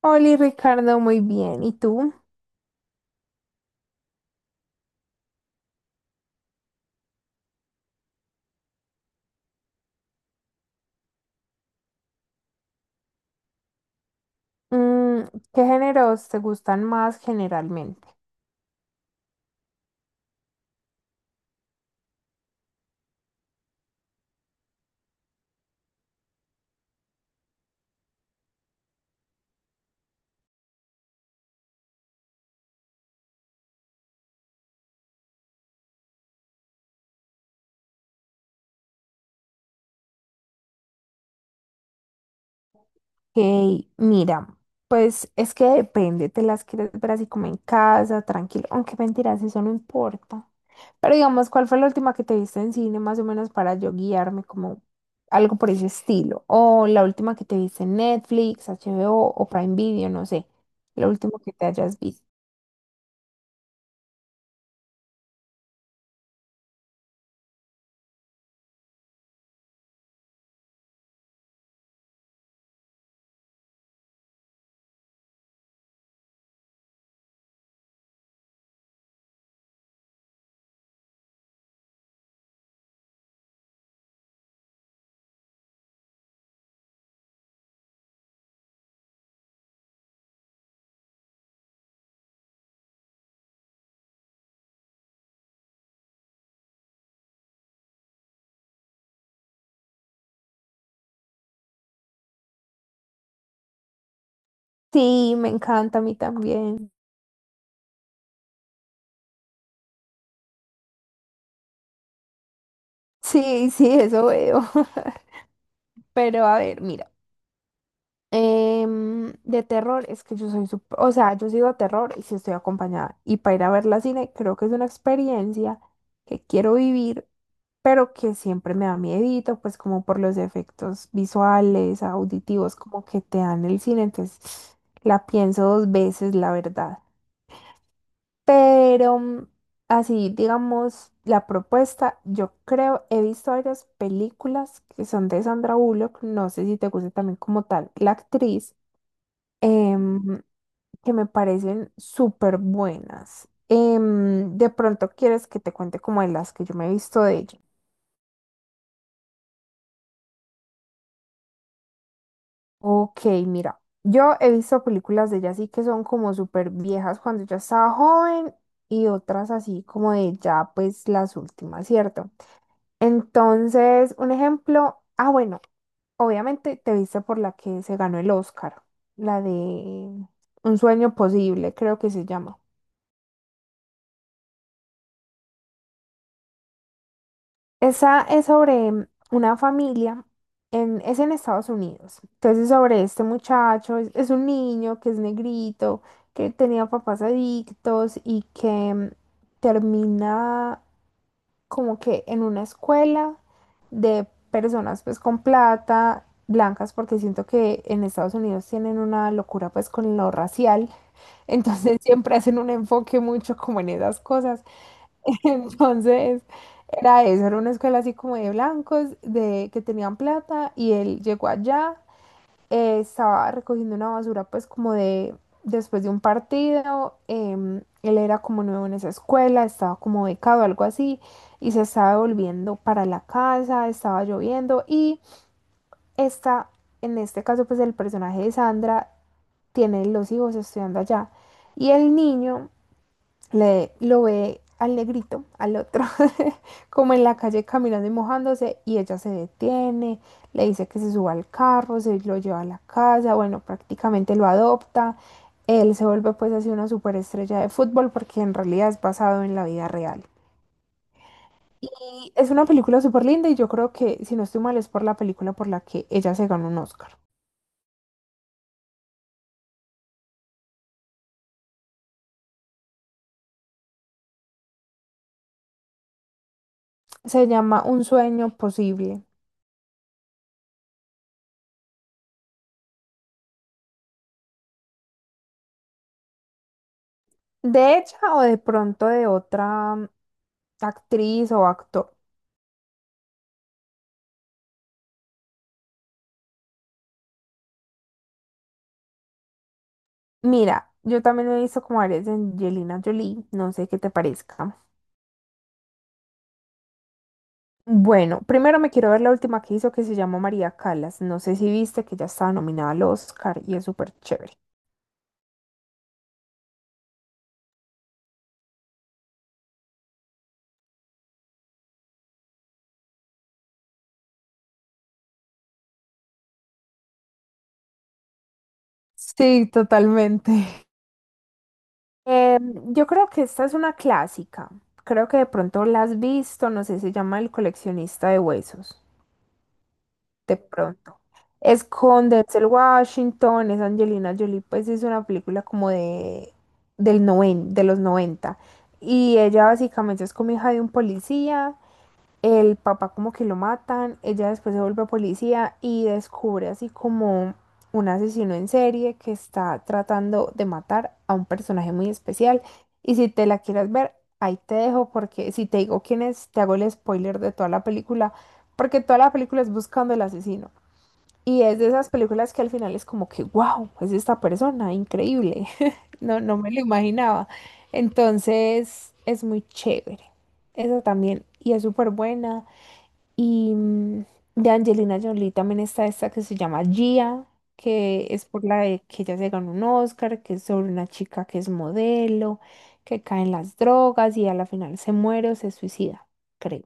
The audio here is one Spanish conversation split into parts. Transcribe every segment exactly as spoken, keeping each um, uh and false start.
Hola Ricardo, muy bien. ¿Y tú? Mm, ¿Qué géneros te gustan más generalmente? Hey, mira, pues es que depende, te las quieres ver así como en casa, tranquilo, aunque mentiras, eso no importa. Pero digamos, ¿cuál fue la última que te viste en cine más o menos para yo guiarme como algo por ese estilo? O la última que te viste en Netflix, HBO o o Prime Video, no sé, la última que te hayas visto. Sí, me encanta a mí también. Sí, sí, eso veo. Pero a ver, mira, em, de terror es que yo soy súper, o sea, yo sigo a terror y si estoy acompañada. Y para ir a ver la cine, creo que es una experiencia que quiero vivir, pero que siempre me da miedito, pues como por los efectos visuales, auditivos, como que te dan el cine. Entonces, la pienso dos veces, la verdad. Pero mm, así, digamos, la propuesta, yo creo, he visto varias películas que son de Sandra Bullock, no sé si te gusta también como tal la actriz, em, que me parecen súper buenas. Em, de pronto quieres que te cuente como de las que yo me he visto de ella. Ok, mira, yo he visto películas de ella así que son como súper viejas cuando yo estaba joven y otras así como de ya pues las últimas, ¿cierto? Entonces, un ejemplo, ah, bueno, obviamente te viste por la que se ganó el Oscar, la de Un sueño posible, creo que se llama. Esa es sobre mm, una familia, en, es en Estados Unidos. Entonces, sobre este muchacho, es, es un niño que es negrito, que tenía papás adictos y que mm, termina como que en una escuela de personas pues con plata, blancas, porque siento que en Estados Unidos tienen una locura pues con lo racial, entonces siempre hacen un enfoque mucho como en esas cosas. Entonces era eso, era una escuela así como de blancos, de que tenían plata y él llegó allá eh, estaba recogiendo una basura pues como de después de un partido, em, él era como nuevo en esa escuela, estaba como becado, algo así, y se estaba devolviendo para la casa, estaba lloviendo y esta, en este caso pues el personaje de Sandra tiene los hijos estudiando allá y el niño le, lo ve al negrito, al otro, como en la calle caminando y mojándose, y ella se detiene, le dice que se suba al carro, se lo lleva a la casa, bueno, prácticamente lo adopta, él se vuelve pues así una superestrella de fútbol porque en realidad es basado en la vida real. Y es una película súper linda y yo creo que, si no estoy mal, es por la película por la que ella se ganó un Oscar. Se llama Un sueño posible. De ella o de pronto de otra actriz o actor. Mira, yo también he visto como varias de Angelina Jolie, no sé qué te parezca. Bueno, primero me quiero ver la última que hizo que se llama María Callas. No sé si viste que ya estaba nominada al Oscar y es súper chévere. Sí, totalmente. Eh, yo creo que esta es una clásica. Creo que de pronto la has visto, no sé, se llama El coleccionista de huesos. De pronto. Es con Denzel Washington, es Angelina Jolie, pues es una película como de, del noven, de los noventa. Y ella básicamente es como hija de un policía, el papá como que lo matan, ella después se vuelve policía y descubre así como un asesino en serie que está tratando de matar a un personaje muy especial. Y si te la quieres ver, ahí te dejo porque si te digo quién es, te hago el spoiler de toda la película, porque toda la película es buscando el asesino. Y es de esas películas que al final es como que, wow, es esta persona, increíble. No, no me lo imaginaba. Entonces es muy chévere. Esa también. Y es súper buena. Y mm, de Angelina Jolie también está esta que se llama Gia, que es por la de que ella se ganó un Oscar, que es sobre una chica que es modelo, que cae en las drogas y a la final se muere o se suicida, creo.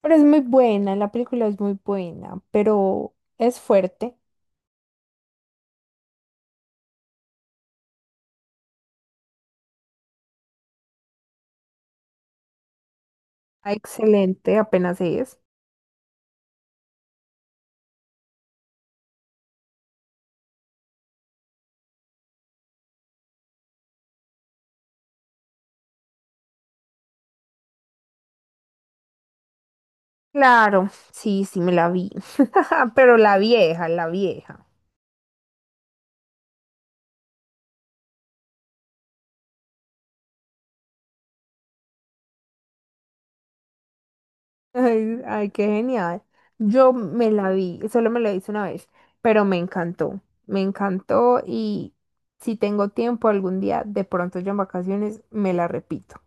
Pero es muy buena, la película es muy buena, pero es fuerte. Ah, excelente, apenas es. Claro, sí, sí, me la vi. Pero la vieja, la vieja. Ay, ay, qué genial. Yo me la vi, solo me la hice una vez, pero me encantó. Me encantó y si tengo tiempo algún día, de pronto ya en vacaciones, me la repito.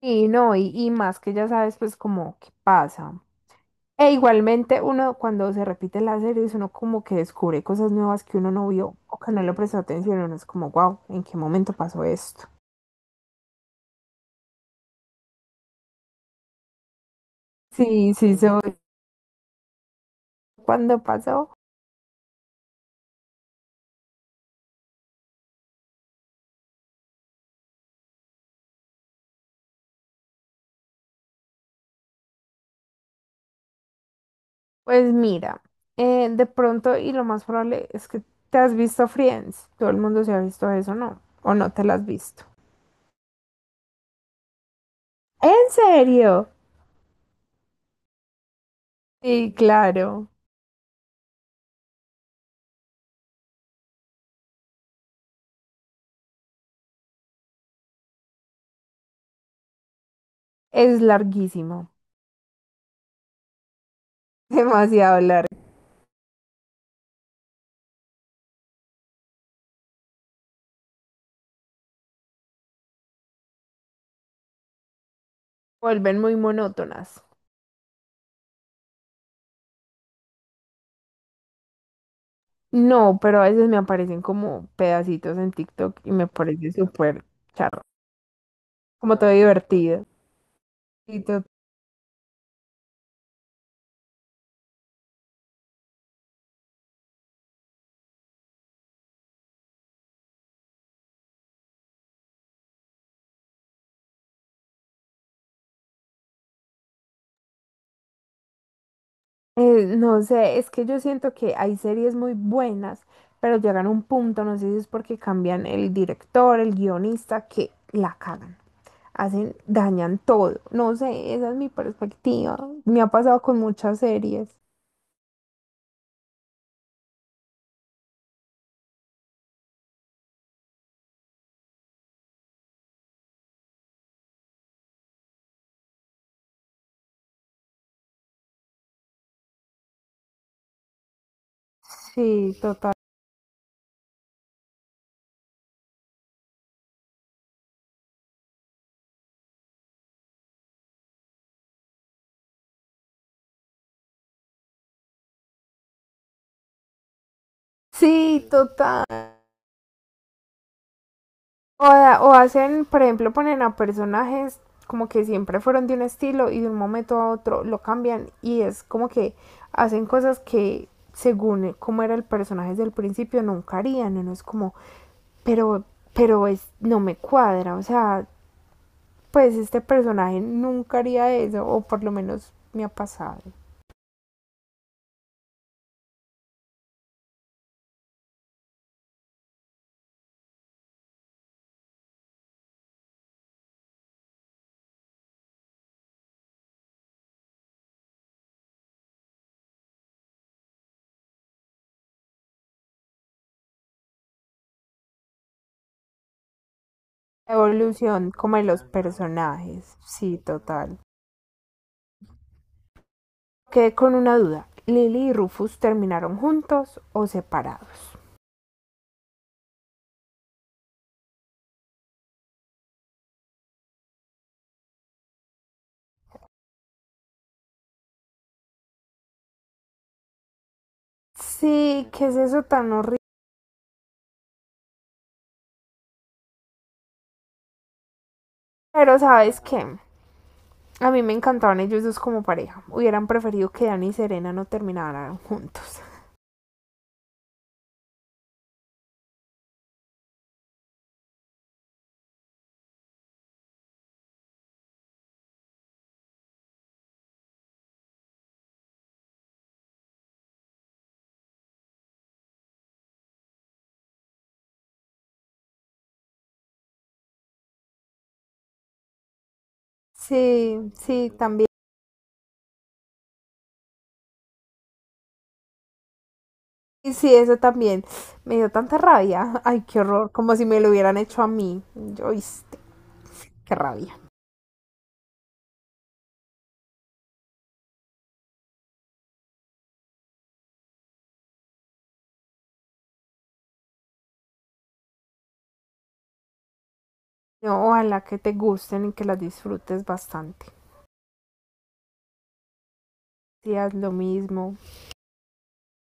Y no, y, y más que ya sabes pues como qué pasa. E igualmente uno cuando se repite las series uno como que descubre cosas nuevas que uno no vio o que no le prestó atención, uno es como, wow, ¿en qué momento pasó esto? Sí, sí, sí. Soy. ¿Cuándo pasó? Pues mira, eh, de pronto y lo más probable es que te has visto Friends. Todo el mundo se ha visto eso, ¿no? ¿O no te lo has visto? ¿En serio? Sí, claro. Es larguísimo, demasiado largo. Vuelven muy monótonas. No, pero a veces me aparecen como pedacitos en TikTok y me parece súper charro, como todo divertido. Y to- eh, no sé, es que yo siento que hay series muy buenas, pero llegan a un punto, no sé si es porque cambian el director, el guionista, que la cagan, hacen, dañan todo. No sé, esa es mi perspectiva. Me ha pasado con muchas series. Sí, total. Sí, total. O, da- o hacen, por ejemplo, ponen a personajes como que siempre fueron de un estilo y de un momento a otro lo cambian y es como que hacen cosas que según cómo era el personaje desde el principio nunca harían. Uno es como, pero, pero es, no me cuadra. O sea, pues este personaje nunca haría eso o por lo menos me ha pasado. Evolución como de los personajes. Sí, total. Quedé con una duda. ¿Lily y Rufus terminaron juntos o separados? Sí, qué es eso tan horrible. Pero sabes qué, a mí me encantaban ellos dos como pareja. Hubieran preferido que Dani y Serena no terminaran juntos. Sí, sí, también. Y sí, eso también. Me dio tanta rabia. Ay, qué horror. Como si me lo hubieran hecho a mí. Oíste, qué rabia. No, ojalá que te gusten y que las disfrutes bastante. Si haz lo mismo,